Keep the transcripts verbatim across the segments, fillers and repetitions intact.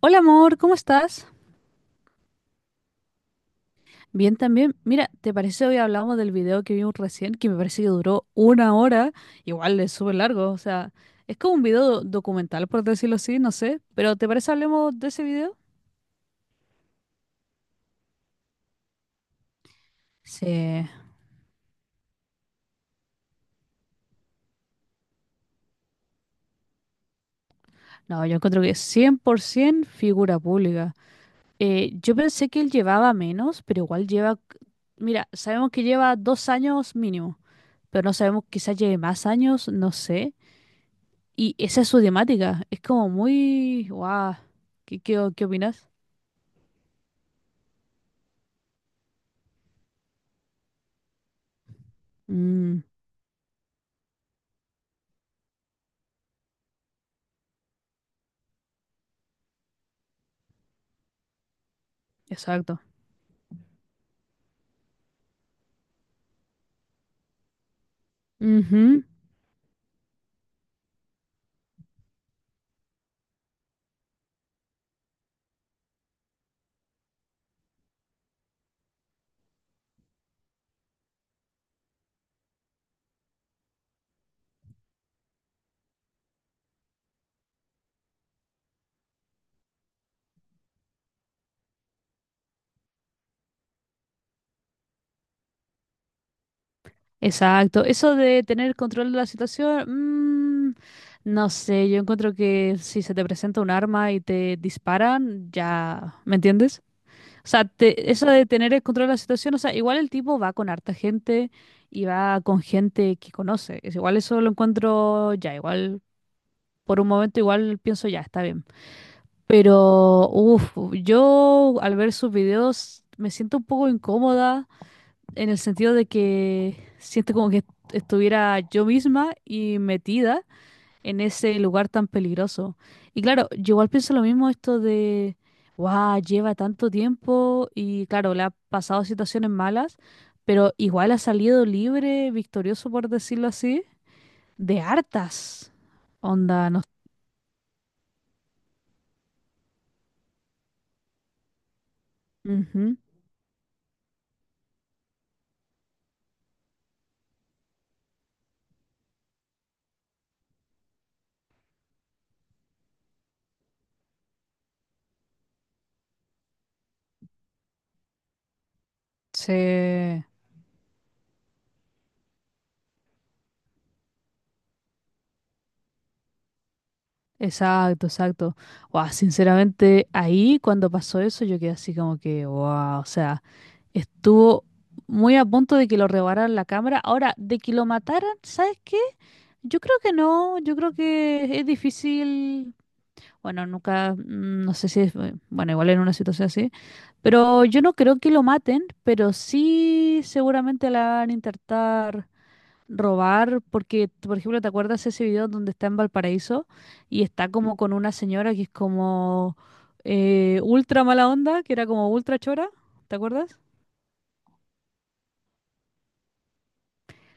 Hola amor, ¿cómo estás? Bien también. Mira, ¿te parece hoy hablamos del video que vimos recién, que me parece que duró una hora? Igual es súper largo, o sea, es como un video documental, por decirlo así, no sé. Pero ¿te parece hablemos de ese video? Sí. No, yo encuentro que es cien por ciento figura pública. Eh, yo pensé que él llevaba menos, pero igual lleva... Mira, sabemos que lleva dos años mínimo, pero no sabemos quizás lleve más años, no sé. Y esa es su temática. Es como muy... ¡Guau! ¿Qué, qué, o- qué opinas? Mm, exacto. Ujú, exacto. Eso de tener control de la situación, mm, no sé, yo encuentro que si se te presenta un arma y te disparan, ya, ¿me entiendes? O sea, te- eso de tener el control de la situación, o sea, igual el tipo va con harta gente y va con gente que conoce. Es igual eso lo encuentro ya, igual por un momento igual pienso ya, está bien. Pero, uff, yo al ver sus videos me siento un poco incómoda en el sentido de que siento como que est- estuviera yo misma y metida en ese lugar tan peligroso. Y claro, yo igual pienso lo mismo esto de, wow, lleva tanto tiempo y claro, le ha pasado situaciones malas, pero igual ha salido libre, victorioso por decirlo así, de hartas. Onda, no. Ujú. Sí. Exacto, exacto. Wow, sinceramente, ahí cuando pasó eso, yo quedé así como que, wow, o sea, estuvo muy a punto de que lo rebaran la cámara. Ahora, de que lo mataran, ¿sabes qué? Yo creo que no, yo creo que es difícil. Bueno, nunca, mm, no sé si es, eh, bueno, igual en una situación así, pero yo no creo que lo maten, pero sí seguramente la van a intentar robar, porque, por ejemplo, ¿te acuerdas ese video donde está en Valparaíso y está como con una señora que es como eh, ultra mala onda, que era como ultra chora? ¿Te acuerdas?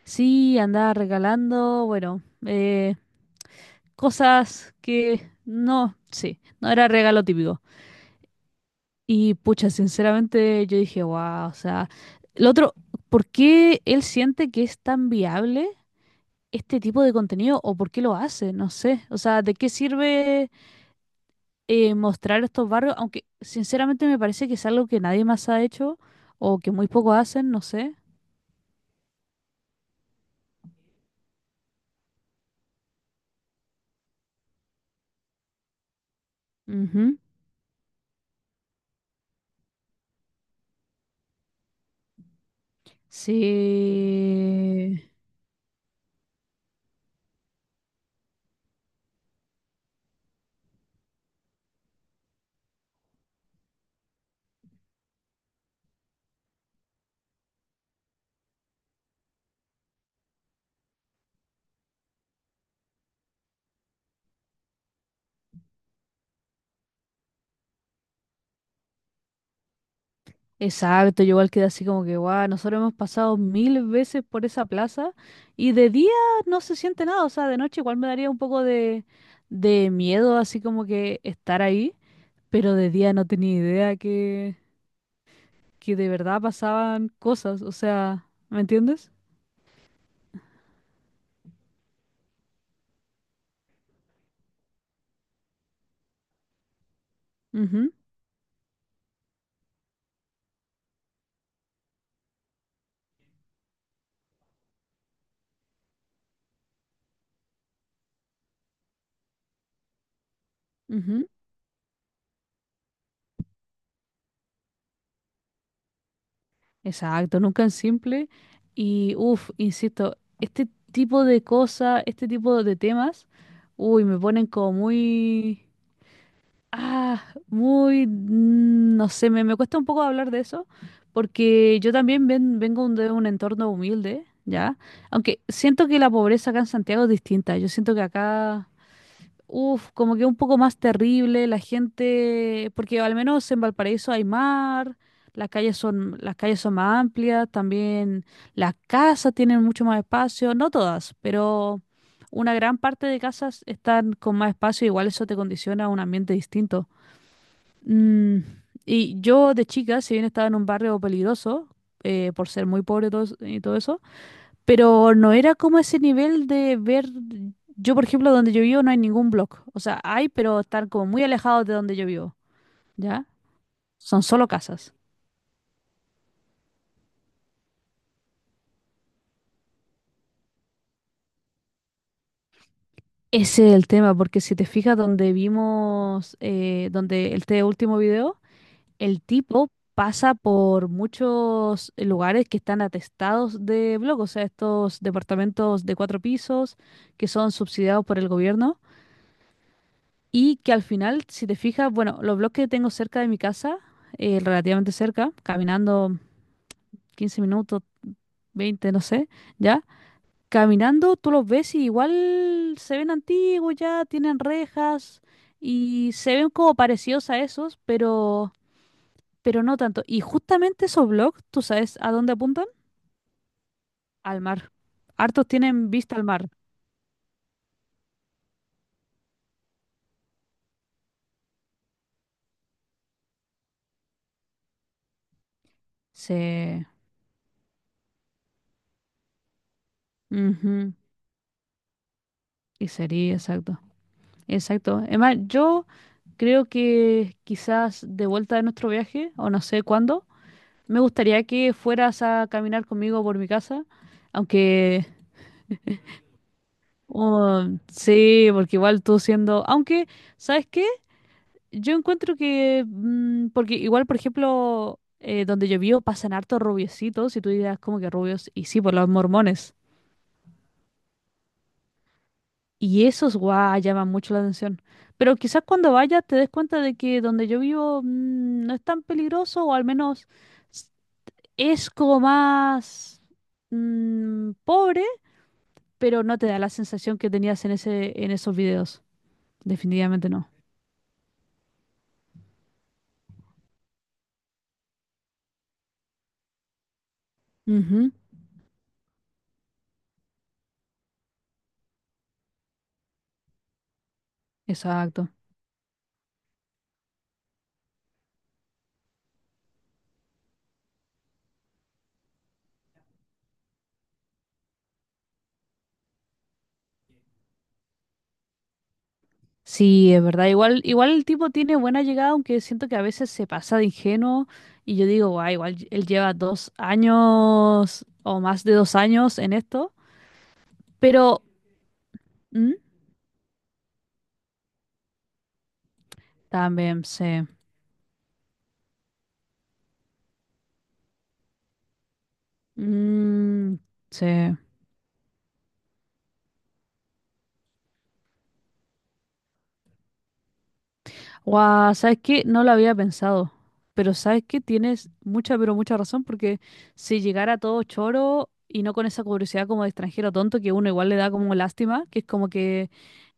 Sí, andaba regalando, bueno, eh, cosas que no, sí, no era regalo típico. Y pucha, sinceramente yo dije, wow, o sea, el otro, ¿por qué él siente que es tan viable este tipo de contenido o por qué lo hace? No sé, o sea, ¿de qué sirve? Eh, mostrar estos barrios, aunque sinceramente me parece que es algo que nadie más ha hecho o que muy poco hacen, no sé. Ujú. Sí, exacto, yo igual quedé así como que, guau, nosotros hemos pasado mil veces por esa plaza y de día no se siente nada, o sea, de noche igual me daría un poco de, de miedo, así como que estar ahí, pero de día no tenía idea que, que de verdad pasaban cosas, o sea, ¿me entiendes? Ujú, ujú. Exacto, nunca es simple. Y, uff, insisto, este tipo de cosas, este tipo de temas, uy, me ponen como muy, ah, muy, mm, no sé, me, me cuesta un poco hablar de eso, porque yo también ven- vengo un- de un entorno humilde, ¿ya? Aunque siento que la pobreza acá en Santiago es distinta, yo siento que acá... Uf, como que un poco más terrible, la gente, porque al menos en Valparaíso hay mar, las calles son, las calles son más amplias, también las casas tienen mucho más espacio, no todas, pero una gran parte de casas están con más espacio, igual eso te condiciona a un ambiente distinto. Mm, y yo de chica, si bien estaba en un barrio peligroso, eh, por ser muy pobre y todo, es- y todo eso, pero no era como ese nivel de ver, yo por ejemplo, donde yo vivo no hay ningún blog. O sea, hay, pero están como muy alejados de donde yo vivo, ¿ya? Son solo casas. Ese es el tema, porque si te fijas donde vimos, eh, donde este último video, el tipo pasa por muchos lugares que están atestados de blog, o sea, estos departamentos de cuatro pisos que son subsidiados por el gobierno. Y que al final, si te fijas, bueno, los blogs que tengo cerca de mi casa, eh, relativamente cerca, caminando quince minutos, veinte no sé, ya, caminando tú los ves y igual se ven antiguos ya, tienen rejas y se ven como parecidos a esos, pero, pero no tanto. Y justamente esos blogs, ¿tú sabes a dónde apuntan? Al mar. Hartos tienen vista al mar. Sí. Ujú, y sería, exacto. Exacto. Además, yo creo que quizás de vuelta de nuestro viaje, o no sé cuándo, me gustaría que fueras a caminar conmigo por mi casa, aunque oh, sí, porque igual tú siendo, aunque, ¿sabes qué? Yo encuentro que, mm, porque igual, por ejemplo, eh, donde yo vivo pasan hartos rubiecitos, y tú dirás como que rubios, y sí, por los mormones. Y esos, guau, llaman mucho la atención. Pero quizás cuando vayas te des cuenta de que donde yo vivo mm, no es tan peligroso, o al menos s- es como más mm, pobre, pero no te da la sensación que tenías en ese, en esos videos. Definitivamente no. Ujú, exacto. Sí, es verdad. Igual, igual el tipo tiene buena llegada, aunque siento que a veces se pasa de ingenuo. Y yo digo, guau, igual ll- él lleva dos años o más de dos años en esto. Pero. ¿Mm? También, sí. Mm, sí. Guau, ¿sabes qué? No lo había pensado. Pero sabes que tienes mucha, pero mucha razón, porque si llegara todo choro y no con esa curiosidad como de extranjero tonto, que uno igual le da como lástima, que es como que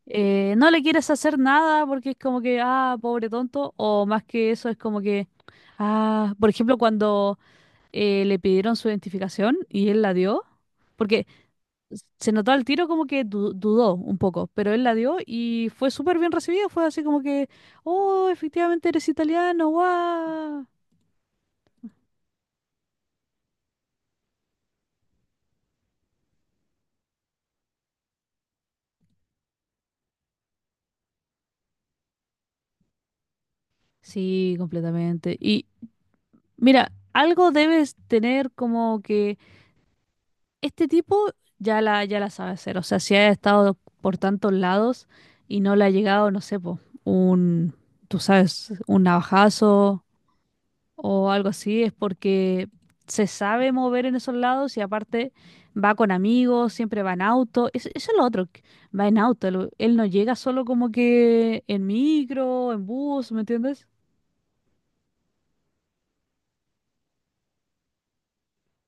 eh, no le quieres hacer nada porque es como que, ah, pobre tonto, o más que eso es como que, ah, por ejemplo, cuando eh, le pidieron su identificación y él la dio. Porque se notó al tiro como que du- dudó un poco, pero él la dio y fue súper bien recibida. Fue así como que, oh, efectivamente eres italiano, guau. Sí, completamente. Y mira, algo debes tener como que este tipo ya la, ya la sabe hacer. O sea, si ha estado por tantos lados y no le ha llegado, no sé, po, un, tú sabes, un navajazo o algo así, es porque se sabe mover en esos lados y aparte va con amigos, siempre va en auto. Es- eso es lo otro, que va en auto. lo- Él no llega solo como que en micro, en bus, ¿me entiendes?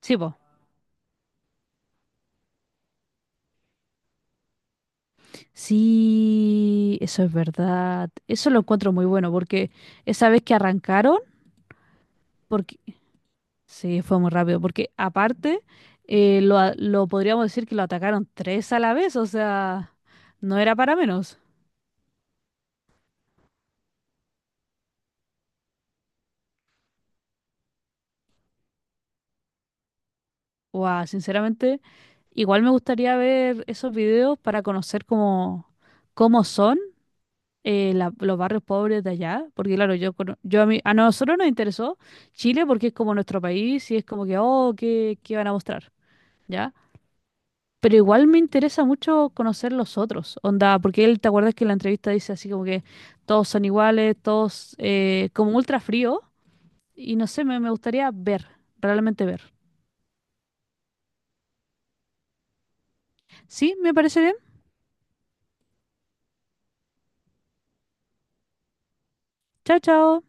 Sí, po. Sí, eso es verdad. Eso lo encuentro muy bueno porque esa vez que arrancaron, porque sí, fue muy rápido, porque aparte eh, lo, a- lo podríamos decir que lo atacaron tres a la vez, o sea, no era para menos. Wow, sinceramente, igual me gustaría ver esos videos para conocer cómo, cómo son eh, la- los barrios pobres de allá, porque claro, yo, cono- yo a mí- a nosotros nos interesó Chile porque es como nuestro país y es como que, oh, ¿qué, qué van a mostrar? ¿Ya? Pero igual me interesa mucho conocer los otros, onda, porque él, ¿te acuerdas que en la entrevista dice así como que todos son iguales, todos eh, como ultra frío? Y no sé, me, me gustaría ver, realmente ver. Sí, me parece bien. Chao, chao.